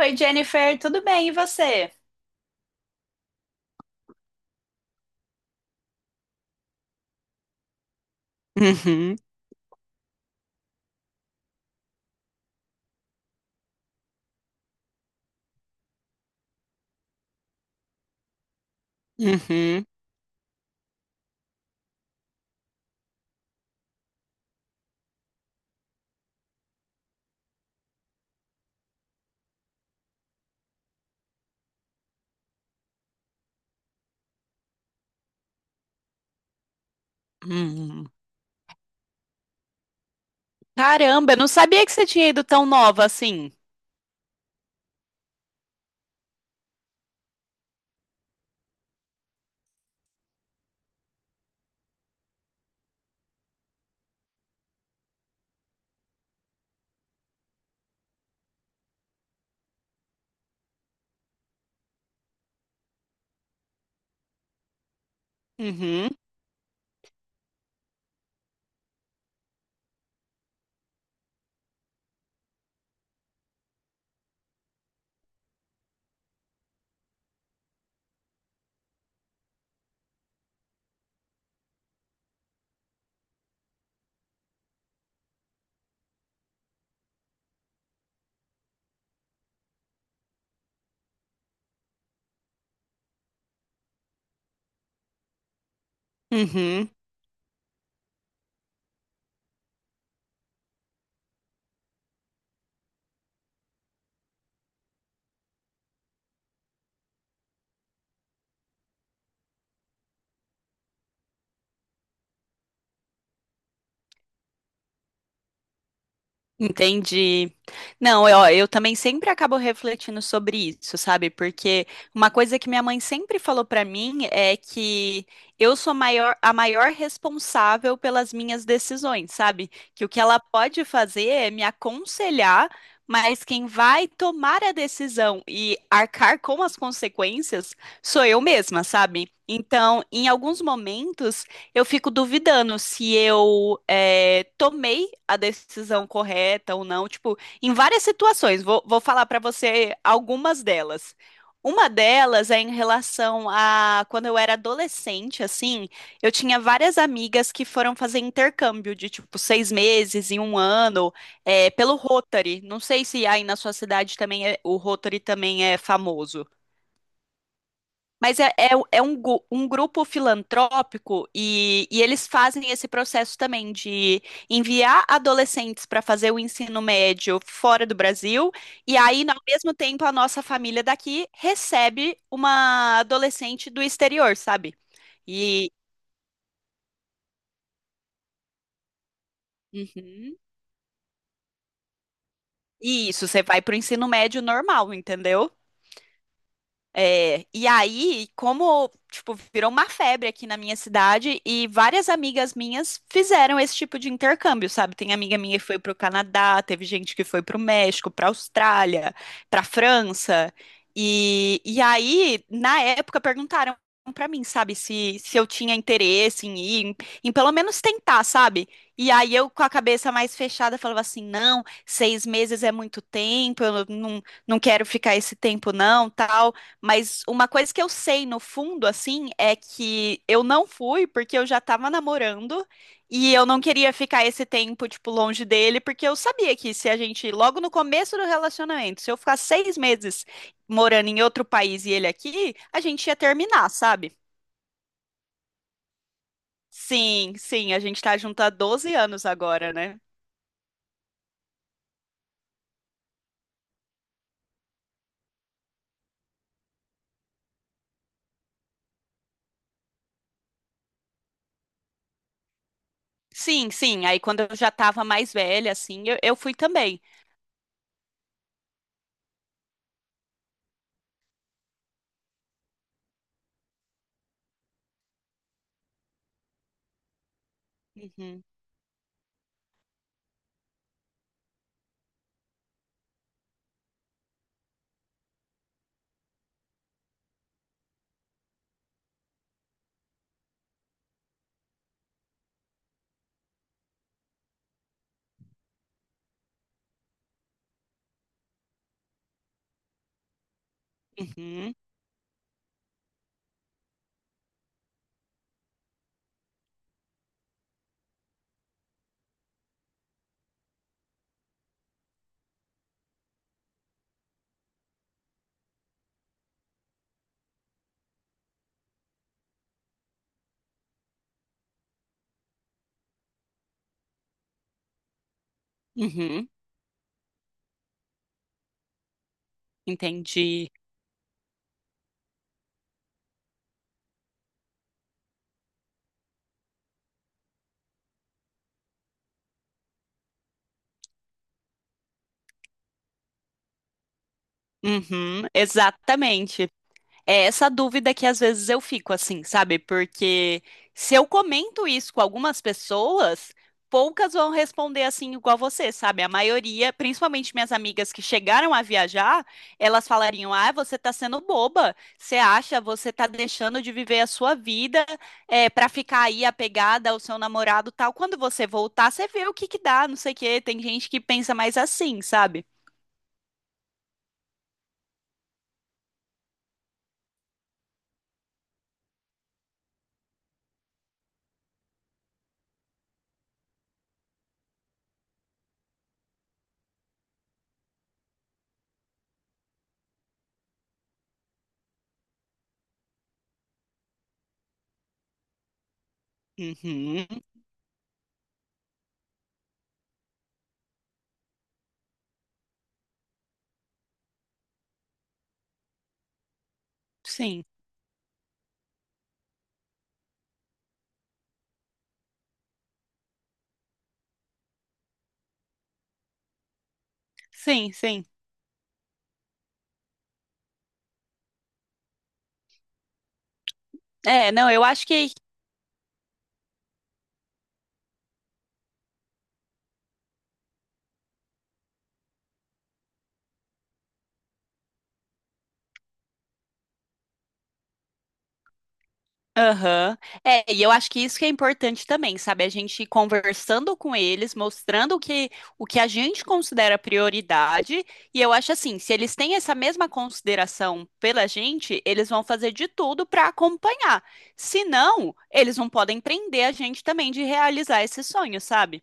Oi, Jennifer, tudo bem? E você? Uhum, uhum, uhum. Caramba, eu não sabia que você tinha ido tão nova assim. Uhum, uhum. Entendi. Não, eu também sempre acabo refletindo sobre isso, sabe? Porque uma coisa que minha mãe sempre falou pra mim é que eu sou maior, a maior responsável pelas minhas decisões, sabe? Que o que ela pode fazer é me aconselhar, mas quem vai tomar a decisão e arcar com as consequências sou eu mesma, sabe? Então, em alguns momentos, eu fico duvidando se eu tomei a decisão correta ou não. Tipo, em várias situações, vou falar pra você algumas delas. Uma delas é em relação a quando eu era adolescente, assim, eu tinha várias amigas que foram fazer intercâmbio de tipo 6 meses e um ano pelo Rotary. Não sei se aí na sua cidade também o Rotary também é famoso. Mas é um, um grupo filantrópico e eles fazem esse processo também de enviar adolescentes para fazer o ensino médio fora do Brasil, e aí, ao mesmo tempo, a nossa família daqui recebe uma adolescente do exterior, sabe? E, Uhum. E isso, você vai para o ensino médio normal, entendeu? É, e aí, como, tipo, virou uma febre aqui na minha cidade e várias amigas minhas fizeram esse tipo de intercâmbio, sabe? Tem amiga minha que foi pro Canadá, teve gente que foi pro México, pra Austrália, pra França. E aí, na época, perguntaram pra mim, sabe, se eu tinha interesse em ir, em, em pelo menos tentar, sabe? E aí eu, com a cabeça mais fechada, falava assim, não, 6 meses é muito tempo, eu não, não quero ficar esse tempo não, tal. Mas uma coisa que eu sei no fundo, assim, é que eu não fui porque eu já tava namorando e eu não queria ficar esse tempo, tipo, longe dele, porque eu sabia que se a gente, logo no começo do relacionamento, se eu ficar 6 meses morando em outro país e ele aqui, a gente ia terminar, sabe? Sim, sim, a gente tá junto há 12 anos agora, né? Sim, sim. Aí quando eu já tava mais velha, assim, eu fui também. Uhum, uhum, uhum, entendi. Uhum, exatamente. É essa dúvida que às vezes eu fico assim, sabe? Porque se eu comento isso com algumas pessoas, poucas vão responder assim igual você, sabe? A maioria, principalmente minhas amigas que chegaram a viajar, elas falariam: "Ah, você tá sendo boba. Você acha, você tá deixando de viver a sua vida para ficar aí apegada ao seu namorado, tal. Quando você voltar, você vê o que que dá, não sei o quê". Tem gente que pensa mais assim, sabe? Uhum, sim. Sim, sim. É, não, eu acho que. Aham. É, e eu acho que isso que é importante também, sabe? A gente ir conversando com eles, mostrando o que a gente considera prioridade. E eu acho assim, se eles têm essa mesma consideração pela gente, eles vão fazer de tudo para acompanhar. Se não, eles não podem prender a gente também de realizar esse sonho, sabe?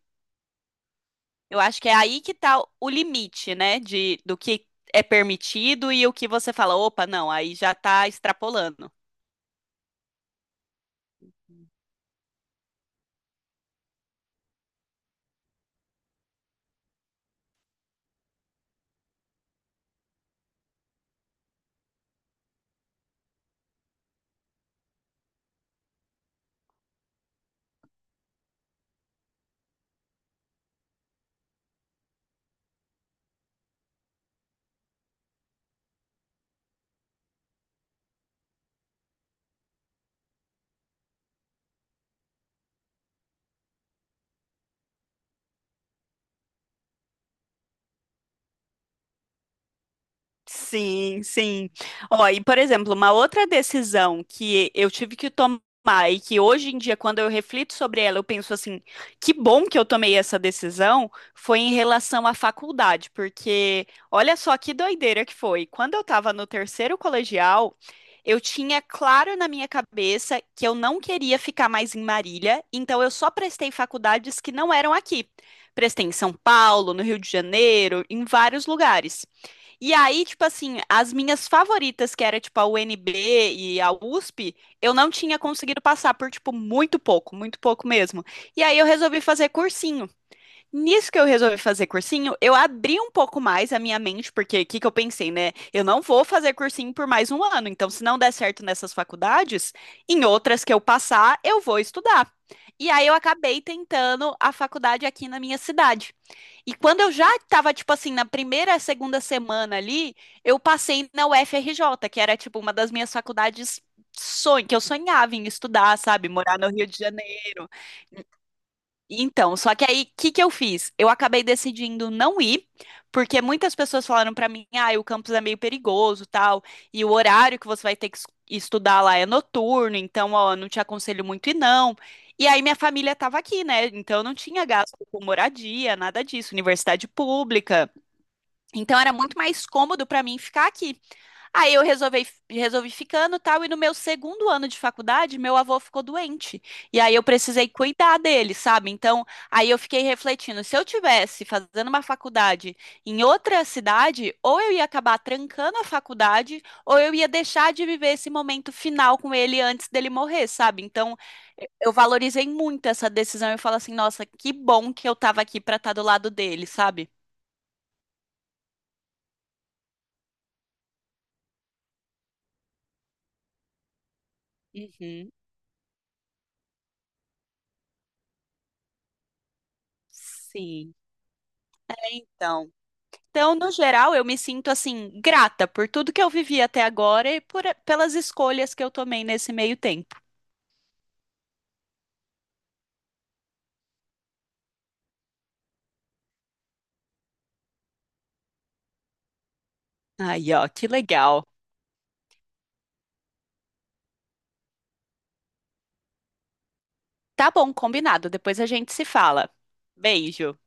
Eu acho que é aí que tá o limite, né? De, do que é permitido e o que você fala, opa, não, aí já tá extrapolando. Sim, sim. Ó, e por exemplo, uma outra decisão que eu tive que tomar e que hoje em dia, quando eu reflito sobre ela, eu penso assim, que bom que eu tomei essa decisão, foi em relação à faculdade, porque olha só que doideira que foi. Quando eu estava no terceiro colegial, eu tinha claro na minha cabeça que eu não queria ficar mais em Marília, então eu só prestei faculdades que não eram aqui. Prestei em São Paulo, no Rio de Janeiro, em vários lugares. E aí, tipo assim, as minhas favoritas, que era tipo a UNB e a USP, eu não tinha conseguido passar por, tipo, muito pouco mesmo. E aí eu resolvi fazer cursinho. Nisso que eu resolvi fazer cursinho, eu abri um pouco mais a minha mente, porque o que que eu pensei, né? Eu não vou fazer cursinho por mais um ano, então se não der certo nessas faculdades, em outras que eu passar, eu vou estudar. E aí eu acabei tentando a faculdade aqui na minha cidade. E quando eu já estava, tipo assim, na primeira, segunda semana ali, eu passei na UFRJ, que era, tipo, uma das minhas faculdades sonho, que eu sonhava em estudar, sabe? Morar no Rio de Janeiro. Então, só que aí, o que que eu fiz? Eu acabei decidindo não ir, porque muitas pessoas falaram pra mim, ah, o campus é meio perigoso, tal, e o horário que você vai ter que estudar lá é noturno, então, ó, não te aconselho muito ir não. E aí minha família tava aqui, né? Então eu não tinha gasto com moradia, nada disso, universidade pública. Então era muito mais cômodo pra mim ficar aqui. Aí resolvi ficando e tal, e no meu segundo ano de faculdade, meu avô ficou doente. E aí eu precisei cuidar dele, sabe? Então, aí eu fiquei refletindo, se eu tivesse fazendo uma faculdade em outra cidade, ou eu ia acabar trancando a faculdade, ou eu ia deixar de viver esse momento final com ele antes dele morrer, sabe? Então, eu valorizei muito essa decisão. Eu falo assim, nossa, que bom que eu tava aqui pra estar do lado dele, sabe? Uhum, sim. É, então. Então, no geral, eu me sinto assim, grata por tudo que eu vivi até agora e por, pelas escolhas que eu tomei nesse meio tempo. Aí, ó, que legal. Tá bom, combinado. Depois a gente se fala. Beijo.